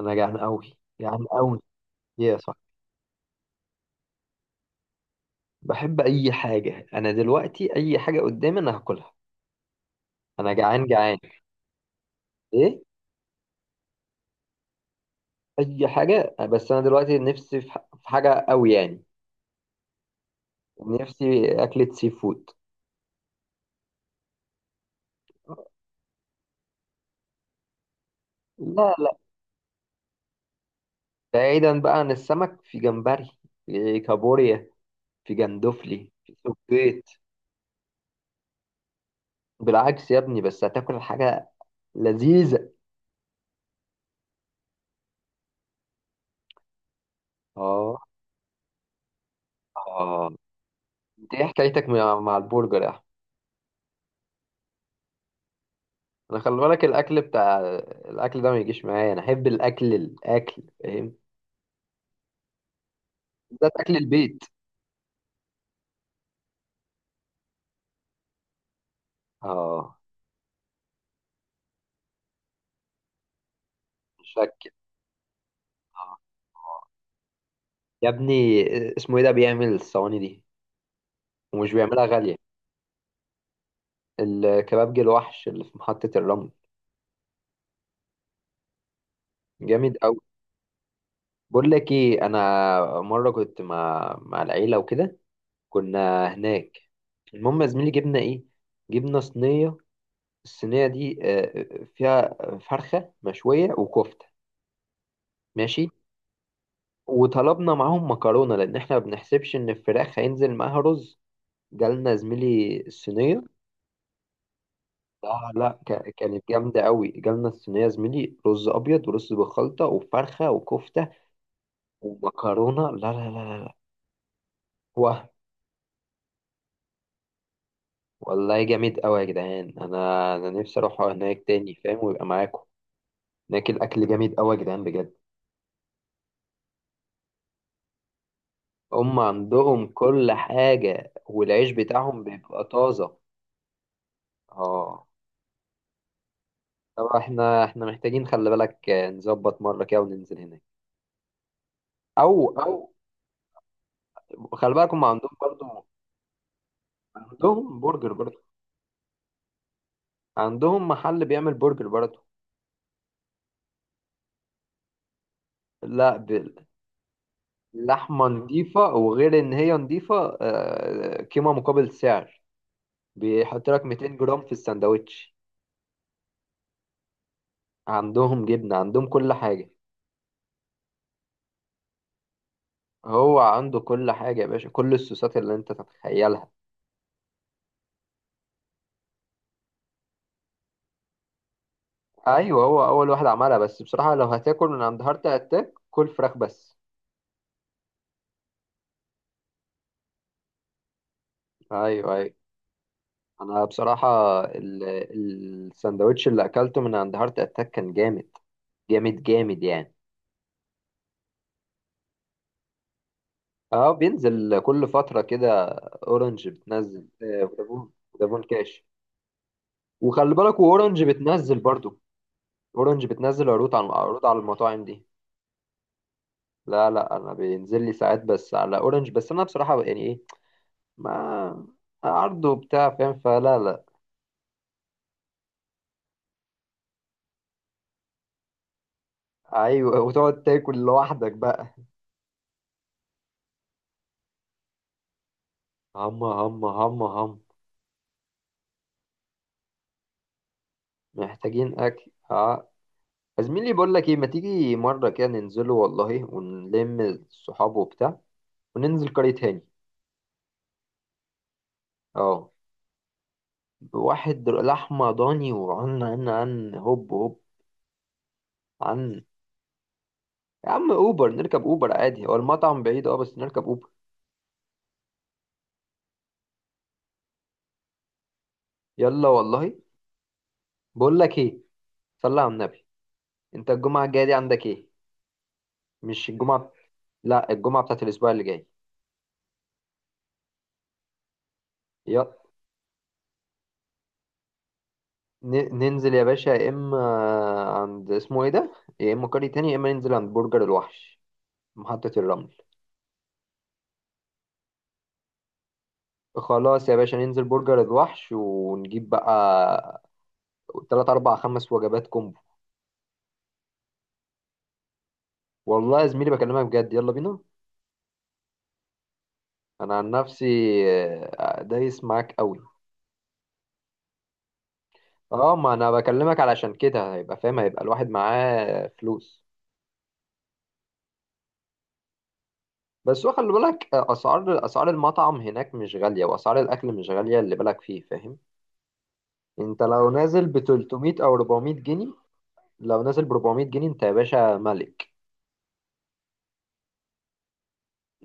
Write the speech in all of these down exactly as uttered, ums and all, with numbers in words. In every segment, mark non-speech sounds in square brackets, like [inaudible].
انا جعان قوي، جعان قوي. يا صح. بحب اي حاجه، انا دلوقتي اي حاجه قدامي انا هاكلها. انا جعان جعان. ايه؟ اي حاجه، بس انا دلوقتي نفسي في ح- في حاجه قوي يعني. نفسي اكله سي فود. لا لا، بعيدا بقى عن السمك. في جمبري، في كابوريا، في جندوفلي، في سبيط. بالعكس يا ابني، بس هتاكل حاجه لذيذه. اه، اه. انت ايه حكايتك مع مع البرجر يا احمد؟ انا خلي بالك، الاكل بتاع الاكل ده ما يجيش معايا. انا احب الاكل، الاكل فاهم، بالذات اكل البيت. اه مشكل، اه، آه. يا ابني، آه، اسمه ايه ده بيعمل الصواني دي؟ ومش بيعملها غاليه، الكبابجي الوحش اللي في محطه الرمل. جامد قوي. بقول لك ايه، انا مره كنت مع مع العيله وكده، كنا هناك. المهم يا زميلي، جبنا ايه؟ جبنا صينيه. الصينيه دي آه، آه، فيها فرخه مشويه وكفته، ماشي؟ وطلبنا معاهم مكرونة، لأن احنا ما بنحسبش إن الفراخ هينزل معاها رز. جالنا زميلي الصينية. لا لا، ك- كانت جامدة قوي. جالنا الصينية زميلي، رز أبيض ورز بخلطة وفرخة وكفتة ومكرونة. لا لا لا لا. واه، والله جامد قوي يا جدعان. أنا أنا نفسي أروح هناك تاني فاهم، ويبقى معاكم. هناك الأكل جامد قوي يا جدعان، بجد. هم عندهم كل حاجة، والعيش بتاعهم بيبقى طازة. اه. طبعا احنا احنا محتاجين خلي بالك آه، نظبط مرة كده وننزل هناك. او، او، خلي بالك هم عندهم برضو. عندهم برجر برضو. عندهم محل بيعمل برجر برضو. لا بال- لحمة نضيفة، وغير ان هي نضيفة آه، قيمة مقابل سعر. بيحط لك 200 جرام في الساندوتش. عندهم جبنة، عندهم كل حاجة. هو عنده كل حاجة يا باشا، كل الصوصات اللي انت تتخيلها. ايوه، هو اول واحد عملها. بس بصراحة لو هتاكل من عند هارت اتاك، كل فراخ بس. ايوه، ايوه. انا بصراحه، ال- الساندوتش اللي اكلته من عند هارت اتاك كان جامد، جامد جامد يعني. اه، بينزل كل فتره كده. اورنج بتنزل، آه، فودافون، فودافون كاش. وخلي بالك، واورنج بتنزل برضو. اورنج بتنزل عروض على عروض على المطاعم دي. لا لا، انا بينزل لي ساعات بس على اورنج. بس انا بصراحه يعني ايه، ما عرضه بتاع فاهم فلا لا. ايوه، وتقعد تاكل لوحدك بقى. هم هم هم هم. محتاجين اكل، اه. يا زميلي بقول لك ايه، ما تيجي مره كده ننزله والله، ونلم الصحاب وبتاع، وننزل قرية هاني. اه. واحد لحمه ضاني، وعن عن عن هوب هوب، عن. يا عم اوبر، نركب اوبر عادي. هو المطعم بعيد اه، بس نركب اوبر. يلا والله. بقول لك ايه، صلي على النبي. انت الجمعه الجايه دي عندك ايه؟ مش الجمعه، لا، الجمعه بتاعت الاسبوع اللي جاي. يلا. ن- ننزل يا باشا، يا اما عند اسمه ايه ده، يا اما قرية هاني، يا اما ننزل عند برجر الوحش، محطة الرمل. خلاص يا باشا، ننزل برجر الوحش ونجيب بقى تلات أربع خمس وجبات كومبو. والله يا زميلي بكلمك بجد، يلا بينا. أنا عن نفسي آه، دايس معاك قوي. اه، ما أنا بكلمك علشان كده هيبقى فاهم، هيبقى الواحد معاه فلوس. بس هو خلي بالك آه، أسعار أسعار المطعم هناك مش غالية، وأسعار الأكل مش غالية اللي بالك فيه فاهم. أنت لو نازل ب تلتمية أو اربعمية جنيه، لو نازل ب اربعمية جنيه أنت يا باشا ملك.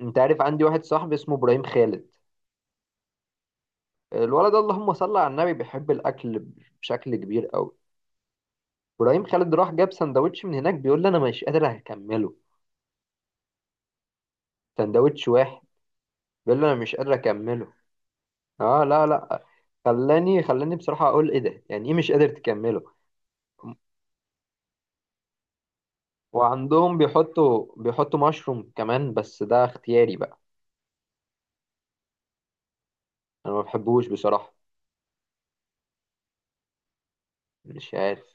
أنت عارف عندي واحد صاحبي اسمه إبراهيم خالد؟ الولد ده اللهم صل على النبي بيحب الاكل بشكل كبير قوي. ابراهيم خالد راح جاب سندوتش من هناك، بيقول لي انا مش قادر اكمله. سندوتش واحد، بيقول لي انا مش قادر اكمله. اه، لا لا. خلاني خلاني بصراحة اقول ايه ده، يعني ايه مش قادر تكمله؟ وعندهم بيحطوا بيحطوا مشروم كمان، بس ده اختياري بقى. انا ما بحبوش بصراحة، مش عارف.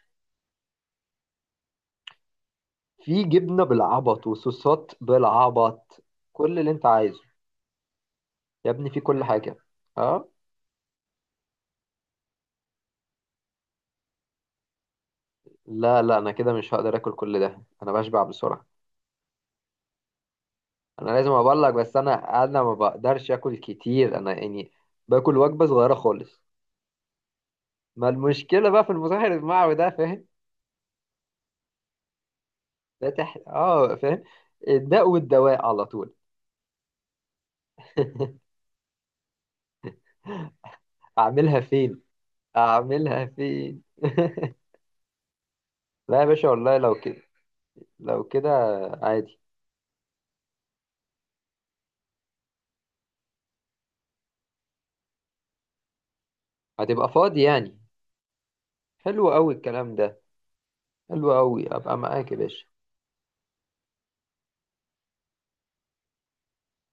في جبنة بالعبط وصوصات بالعبط، كل اللي انت عايزه. يا ابني، في كل حاجة. اه، لا لا، انا كده مش هقدر اكل كل ده، انا بشبع بسرعه. انا لازم ابلغ، بس انا انا ما بقدرش اكل كتير انا يعني. باكل وجبه صغيره خالص. ما المشكله بقى في المسحر المعوي ده فاهم. ده تح... اه فاهم. الداء والدواء على طول. اعملها فين؟ اعملها فين؟ [laughs] لا يا باشا والله لو كده، لو كده عادي. هتبقى فاضي يعني؟ حلو قوي الكلام ده، حلو قوي ابقى معاك يا باشا.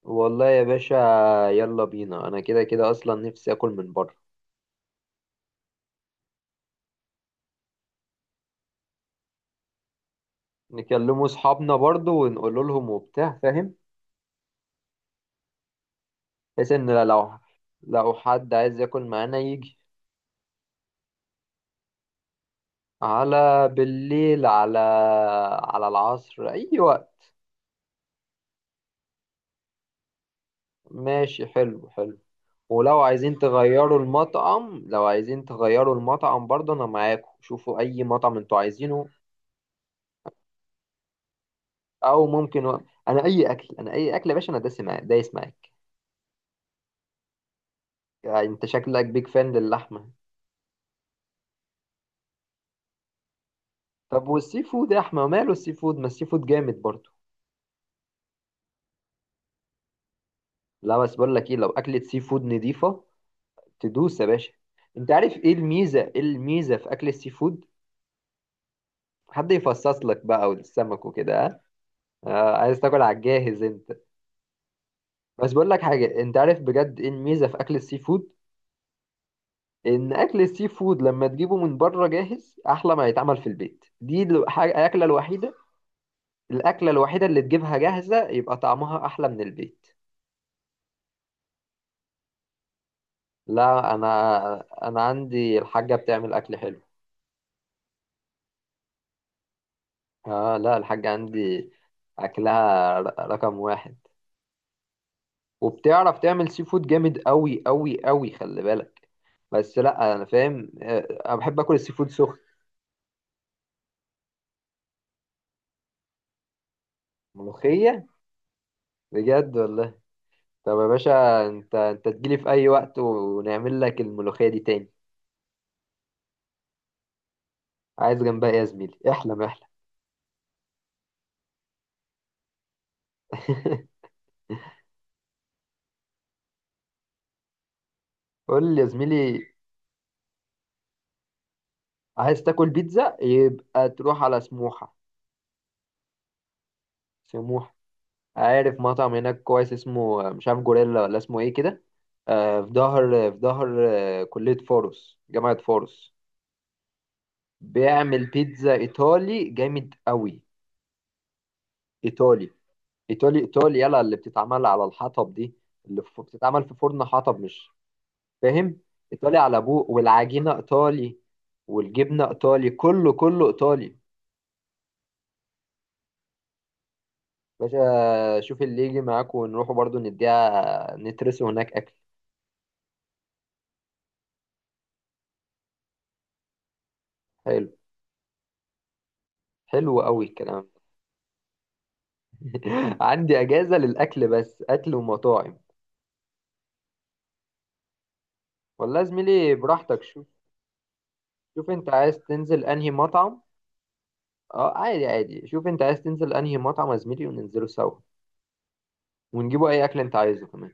والله يا باشا، يلا بينا، انا كده كده اصلا نفسي اكل من بره. نكلموا اصحابنا برضو ونقول لهم وبتاع فاهم، بحيث ان لو، لو حد عايز ياكل معانا يجي. على بالليل، على، على العصر، اي وقت. ماشي، حلو حلو. ولو عايزين تغيروا المطعم، لو عايزين تغيروا المطعم برضو انا معاكم، شوفوا اي مطعم انتوا عايزينه. او ممكن و... انا اي اكل، انا اي اكل يا باشا، انا دايس معاك، دايس معاك. يعني انت شكلك بيج فان للحمه. طب والسي فود يا احمد، ماله السي فود؟ ما السي فود جامد برضو. لا بس بقول لك ايه، لو اكلة سي فود نضيفة تدوس يا باشا. انت عارف ايه الميزة، ايه الميزة في اكل السي فود؟ حد يفصص لك بقى والسمك وكده، ها؟ آه، عايز تاكل على الجاهز انت. بس بقول لك حاجة، انت عارف بجد ايه الميزة في اكل السي فود؟ ان اكل السي فود لما تجيبه من بره جاهز، احلى ما يتعمل في البيت. دي الحاجة الاكلة الوحيدة، الاكلة الوحيدة اللي تجيبها جاهزة يبقى طعمها احلى من البيت. لا انا، انا عندي الحاجة بتعمل اكل حلو. اه لا، الحاجة عندي اكلها ر- رقم واحد. وبتعرف تعمل سي فود جامد قوي قوي قوي، خلي بالك. بس لا انا فاهم آه، انا بحب اكل السي فود سخن. ملوخية، بجد والله. طب يا باشا، انت انت تجيلي في اي وقت ونعمل لك الملوخية دي تاني. عايز جنبها ايه يا زميلي؟ احلم، احلم. [laughs] قول لي يا زميلي. عايز تاكل بيتزا؟ يبقى تروح على سموحة. سموحة، عارف مطعم هناك كويس اسمه مش عارف جوريلا، ولا اسمه ايه كده. آه، في ظهر، في ظهر آه، كلية فاروس، جامعة فاروس. بيعمل بيتزا ايطالي جامد قوي. ايطالي، ايطالي، ايطالي. يلا اللي بتتعمل على الحطب دي، اللي ف- بتتعمل في فرن حطب مش فاهم. ايطالي على ابوه، والعجينة ايطالي، والجبنة ايطالي، كله كله ايطالي. باشا شوف اللي يجي معاك، ونروحوا برضو نديها نترسوا هناك اكل. حلو، حلو قوي الكلام. [laughs] عندي اجازه للاكل بس، اكل ومطاعم. والله يا زميلي براحتك، شوف. شوف انت عايز تنزل انهي مطعم. اه، عادي عادي، شوف انت عايز تنزل انهي مطعم يا زميلي وننزله سوا، ونجيبوا اي اكل انت عايزه كمان.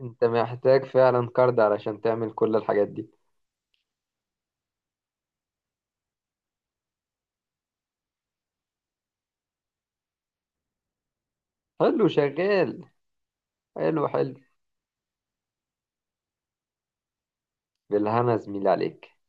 انت محتاج فعلا كارد علشان تعمل كل الحاجات دي. حلو، شغال. حلو حلو. بالهنا يا زميلي عليك.